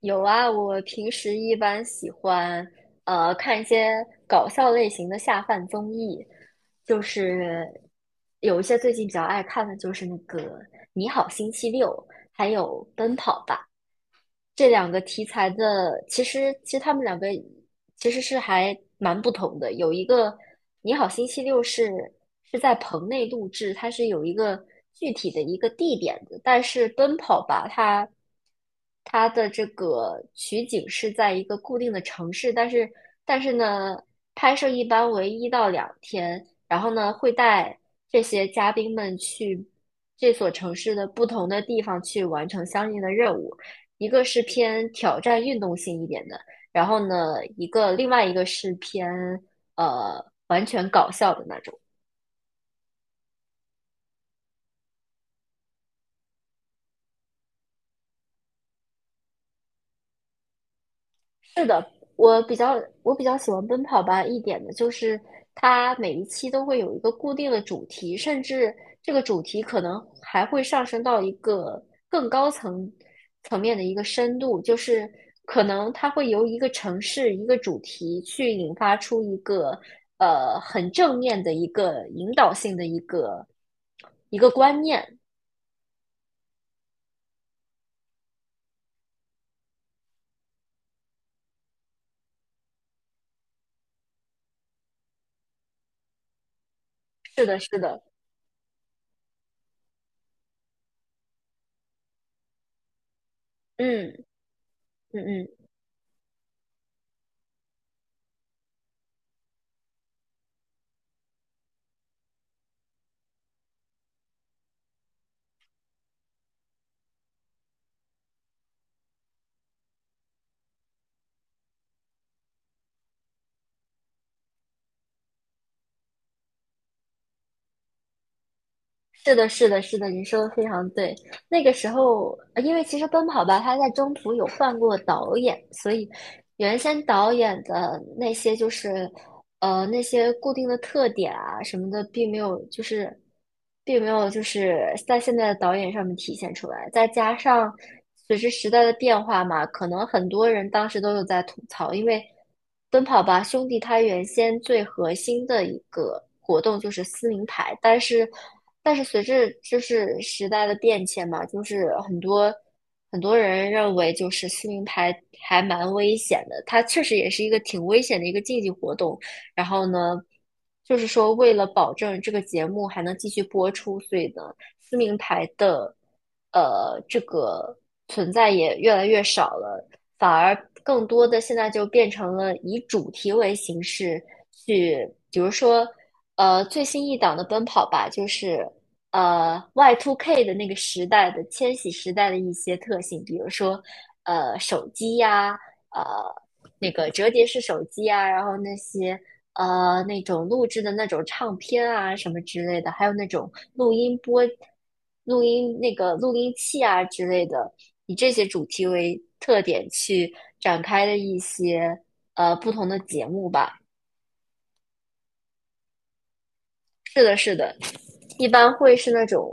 有啊，我平时一般喜欢看一些搞笑类型的下饭综艺，就是有一些最近比较爱看的就是那个《你好星期六》，还有《奔跑吧》这两个题材的，其实他们两个其实是还蛮不同的。有一个《你好星期六》是在棚内录制，它是有一个具体的一个地点的，但是《奔跑吧》它的这个取景是在一个固定的城市，但是呢，拍摄一般为一到两天，然后呢会带这些嘉宾们去这所城市的不同的地方去完成相应的任务。一个是偏挑战运动性一点的，然后呢，另外一个是偏完全搞笑的那种。是的，我比较喜欢奔跑吧一点的就是它每一期都会有一个固定的主题，甚至这个主题可能还会上升到一个更高层面的一个深度，就是可能它会由一个城市一个主题去引发出一个很正面的一个引导性的一个观念。是的，是的，嗯嗯嗯。是的，是的，是的，你说的非常对。那个时候，因为其实《奔跑吧》它在中途有换过导演，所以原先导演的那些就是，那些固定的特点啊什么的，并没有就是在现在的导演上面体现出来。再加上随着时代的变化嘛，可能很多人当时都有在吐槽，因为《奔跑吧兄弟》它原先最核心的一个活动就是撕名牌，但是随着就是时代的变迁嘛，就是很多。很多人认为就是撕名牌还蛮危险的，它确实也是一个挺危险的一个竞技活动。然后呢，就是说为了保证这个节目还能继续播出，所以呢，撕名牌的这个存在也越来越少了，反而更多的现在就变成了以主题为形式去，比如说最新一档的《奔跑吧》就是。Y2K 的那个时代的千禧时代的一些特性，比如说手机呀、呃那个折叠式手机啊，然后那些那种录制的那种唱片啊什么之类的，还有那种录音那个录音器啊之类的，以这些主题为特点去展开的一些不同的节目吧。是的，是的，一般会是那种。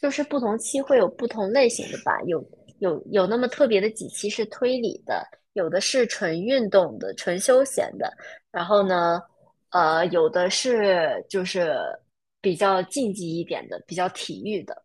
就是不同期会有不同类型的吧，有那么特别的几期是推理的，有的是纯运动的、纯休闲的，然后呢，有的是就是比较竞技一点的、比较体育的。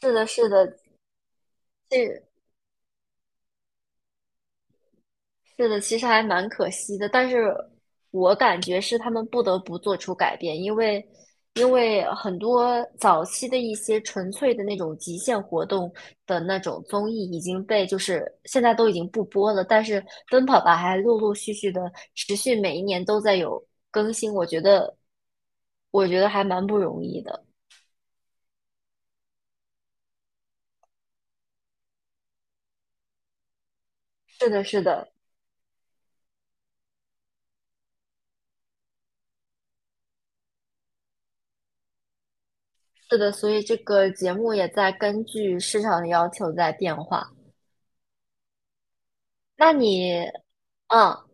是的，是的，这是的，其实还蛮可惜的，但是我感觉是他们不得不做出改变，因为很多早期的一些纯粹的那种极限活动的那种综艺已经被就是现在都已经不播了，但是《奔跑吧》还陆陆续续的持续每一年都在有更新，我觉得还蛮不容易的。是的，是的，是的，所以这个节目也在根据市场的要求在变化。那你，嗯，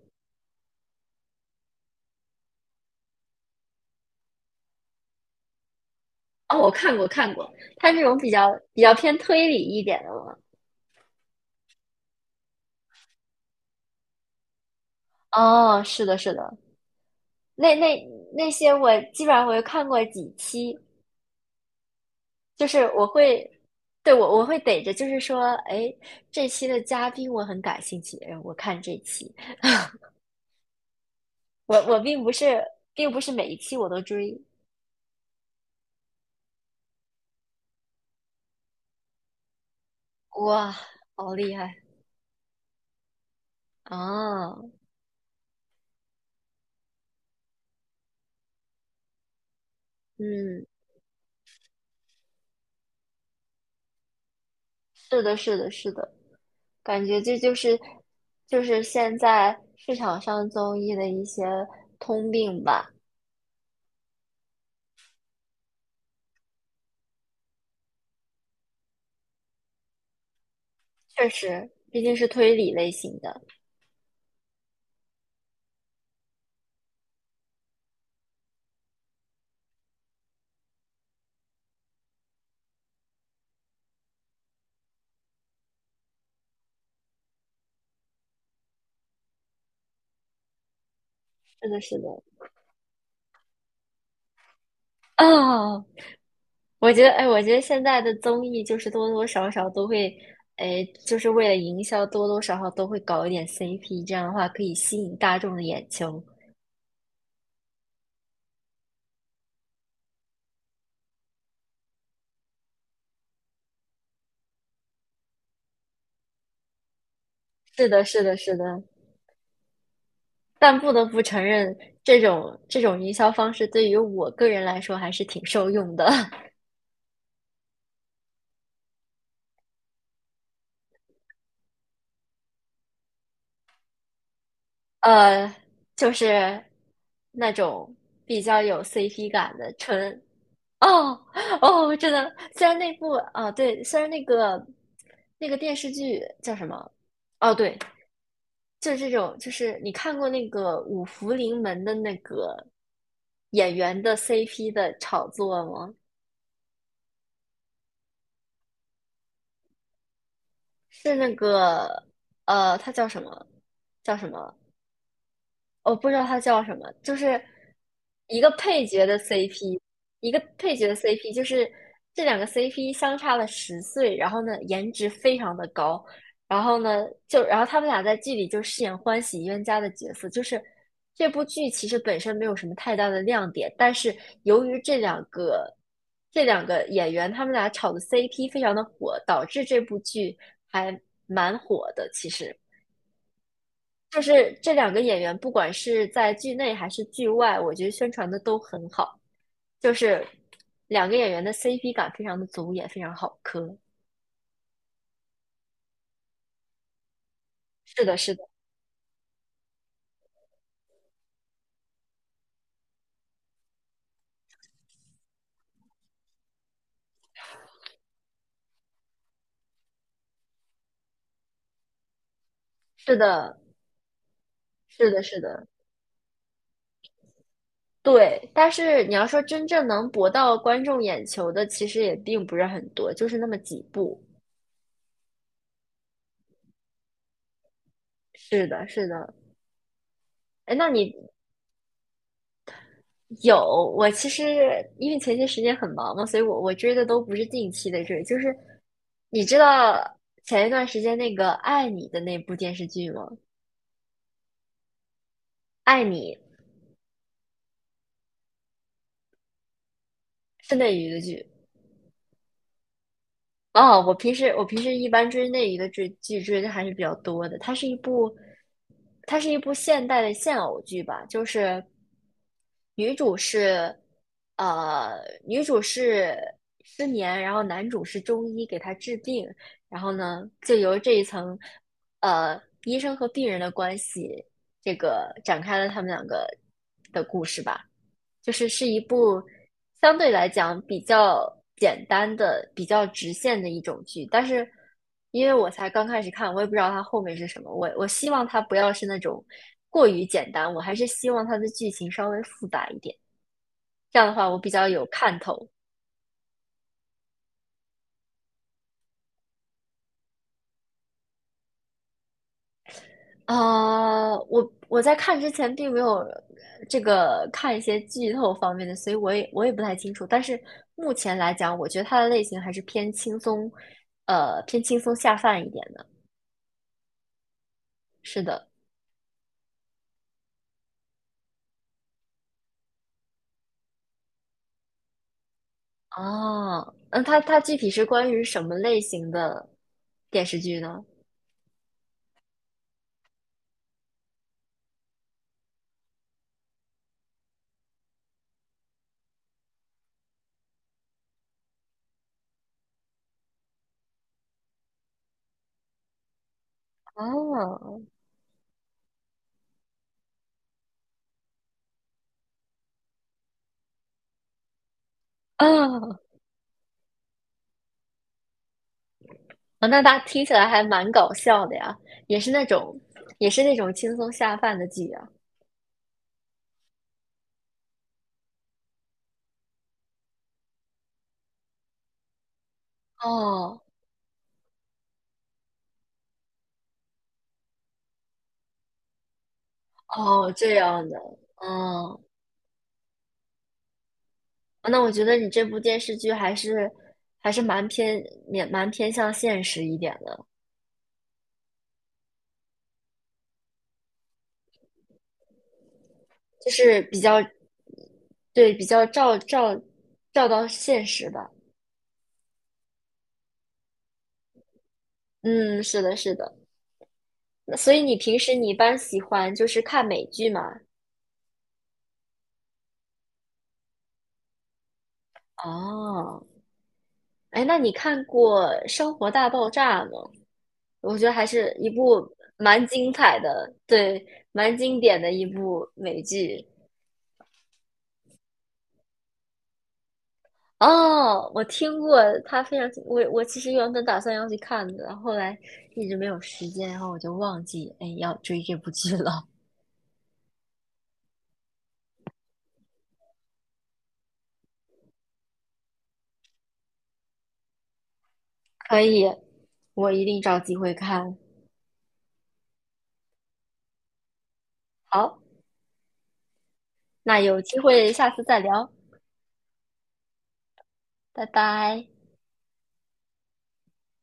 哦，我看过看过，它这种比较偏推理一点的嘛。哦，是的，是的，那那那些我基本上我有看过几期，就是我会，对，我会逮着，就是说，哎，这期的嘉宾我很感兴趣，哎我看这期，我并不是每一期我都追，哇，好厉害啊！嗯，是的，是的，是的，感觉这就是现在市场上综艺的一些通病吧。确实，毕竟是推理类型的，是的，是的。哦，我觉得，哎，我觉得现在的综艺就是多多少少都会，哎，就是为了营销，多多少少都会搞一点 CP，这样的话可以吸引大众的眼球。是的，是的，是的。但不得不承认，这种营销方式对于我个人来说还是挺受用的。呃，就是那种比较有 CP 感的纯 哦哦，真的，虽然那部啊，对，虽然那个电视剧叫什么？哦，对，就是这种，就是你看过那个五福临门的那个演员的 CP 的炒作吗？是那个他叫什么？叫什么？我不知道它叫什么，就是一个配角的 CP，一个配角的 CP，就是这两个 CP 相差了十岁，然后呢颜值非常的高，然后呢就然后他们俩在剧里就饰演欢喜冤家的角色，就是这部剧其实本身没有什么太大的亮点，但是由于这两个演员他们俩炒的 CP 非常的火，导致这部剧还蛮火的，其实。就是这两个演员，不管是在剧内还是剧外，我觉得宣传的都很好，就是两个演员的 CP 感非常的足，也非常好磕。是的，是的，是的，是的，是的，对。但是你要说真正能博到观众眼球的，其实也并不是很多，就是那么几部。是的，是的。哎，那你有，我其实因为前些时间很忙嘛，所以我追的都不是近期的追，就是你知道前一段时间那个《爱你》的那部电视剧吗？《爱你》是内娱的剧，哦，我平时一般追那一个追剧追的还是比较多的。它是一部现代的现偶剧吧，就是女主是，呃，女主是失眠，然后男主是中医给她治病，然后呢，就由这一层，医生和病人的关系，这个展开了他们两个的故事吧。就是一部相对来讲比较简单的、比较直线的一种剧，但是因为我才刚开始看，我也不知道它后面是什么。我希望它不要是那种过于简单，我还是希望它的剧情稍微复杂一点，这样的话我比较有看头。啊、我在看之前并没有看一些剧透方面的，所以我也不太清楚。但是目前来讲，我觉得它的类型还是偏轻松，偏轻松下饭一点的。是的，哦，那它具体是关于什么类型的电视剧呢？哦，哦，哦那它听起来还蛮搞笑的呀，也是那种，也是那种轻松下饭的剧啊。哦，哦，这样的，哦，哦那我觉得你这部电视剧还是蛮偏向现实一点的，就是比较，对，比较照到现实吧。嗯，是的，是的。那所以你平时你一般喜欢就是看美剧吗？哦，哎，那你看过《生活大爆炸》吗？我觉得还是一部蛮精彩的，对，蛮经典的一部美剧。哦，我听过它非常，我其实原本打算要去看的，后来一直没有时间，然后我就忘记，哎，要追这部剧了。可以，我一定找机会看。好，那有机会下次再聊，拜拜。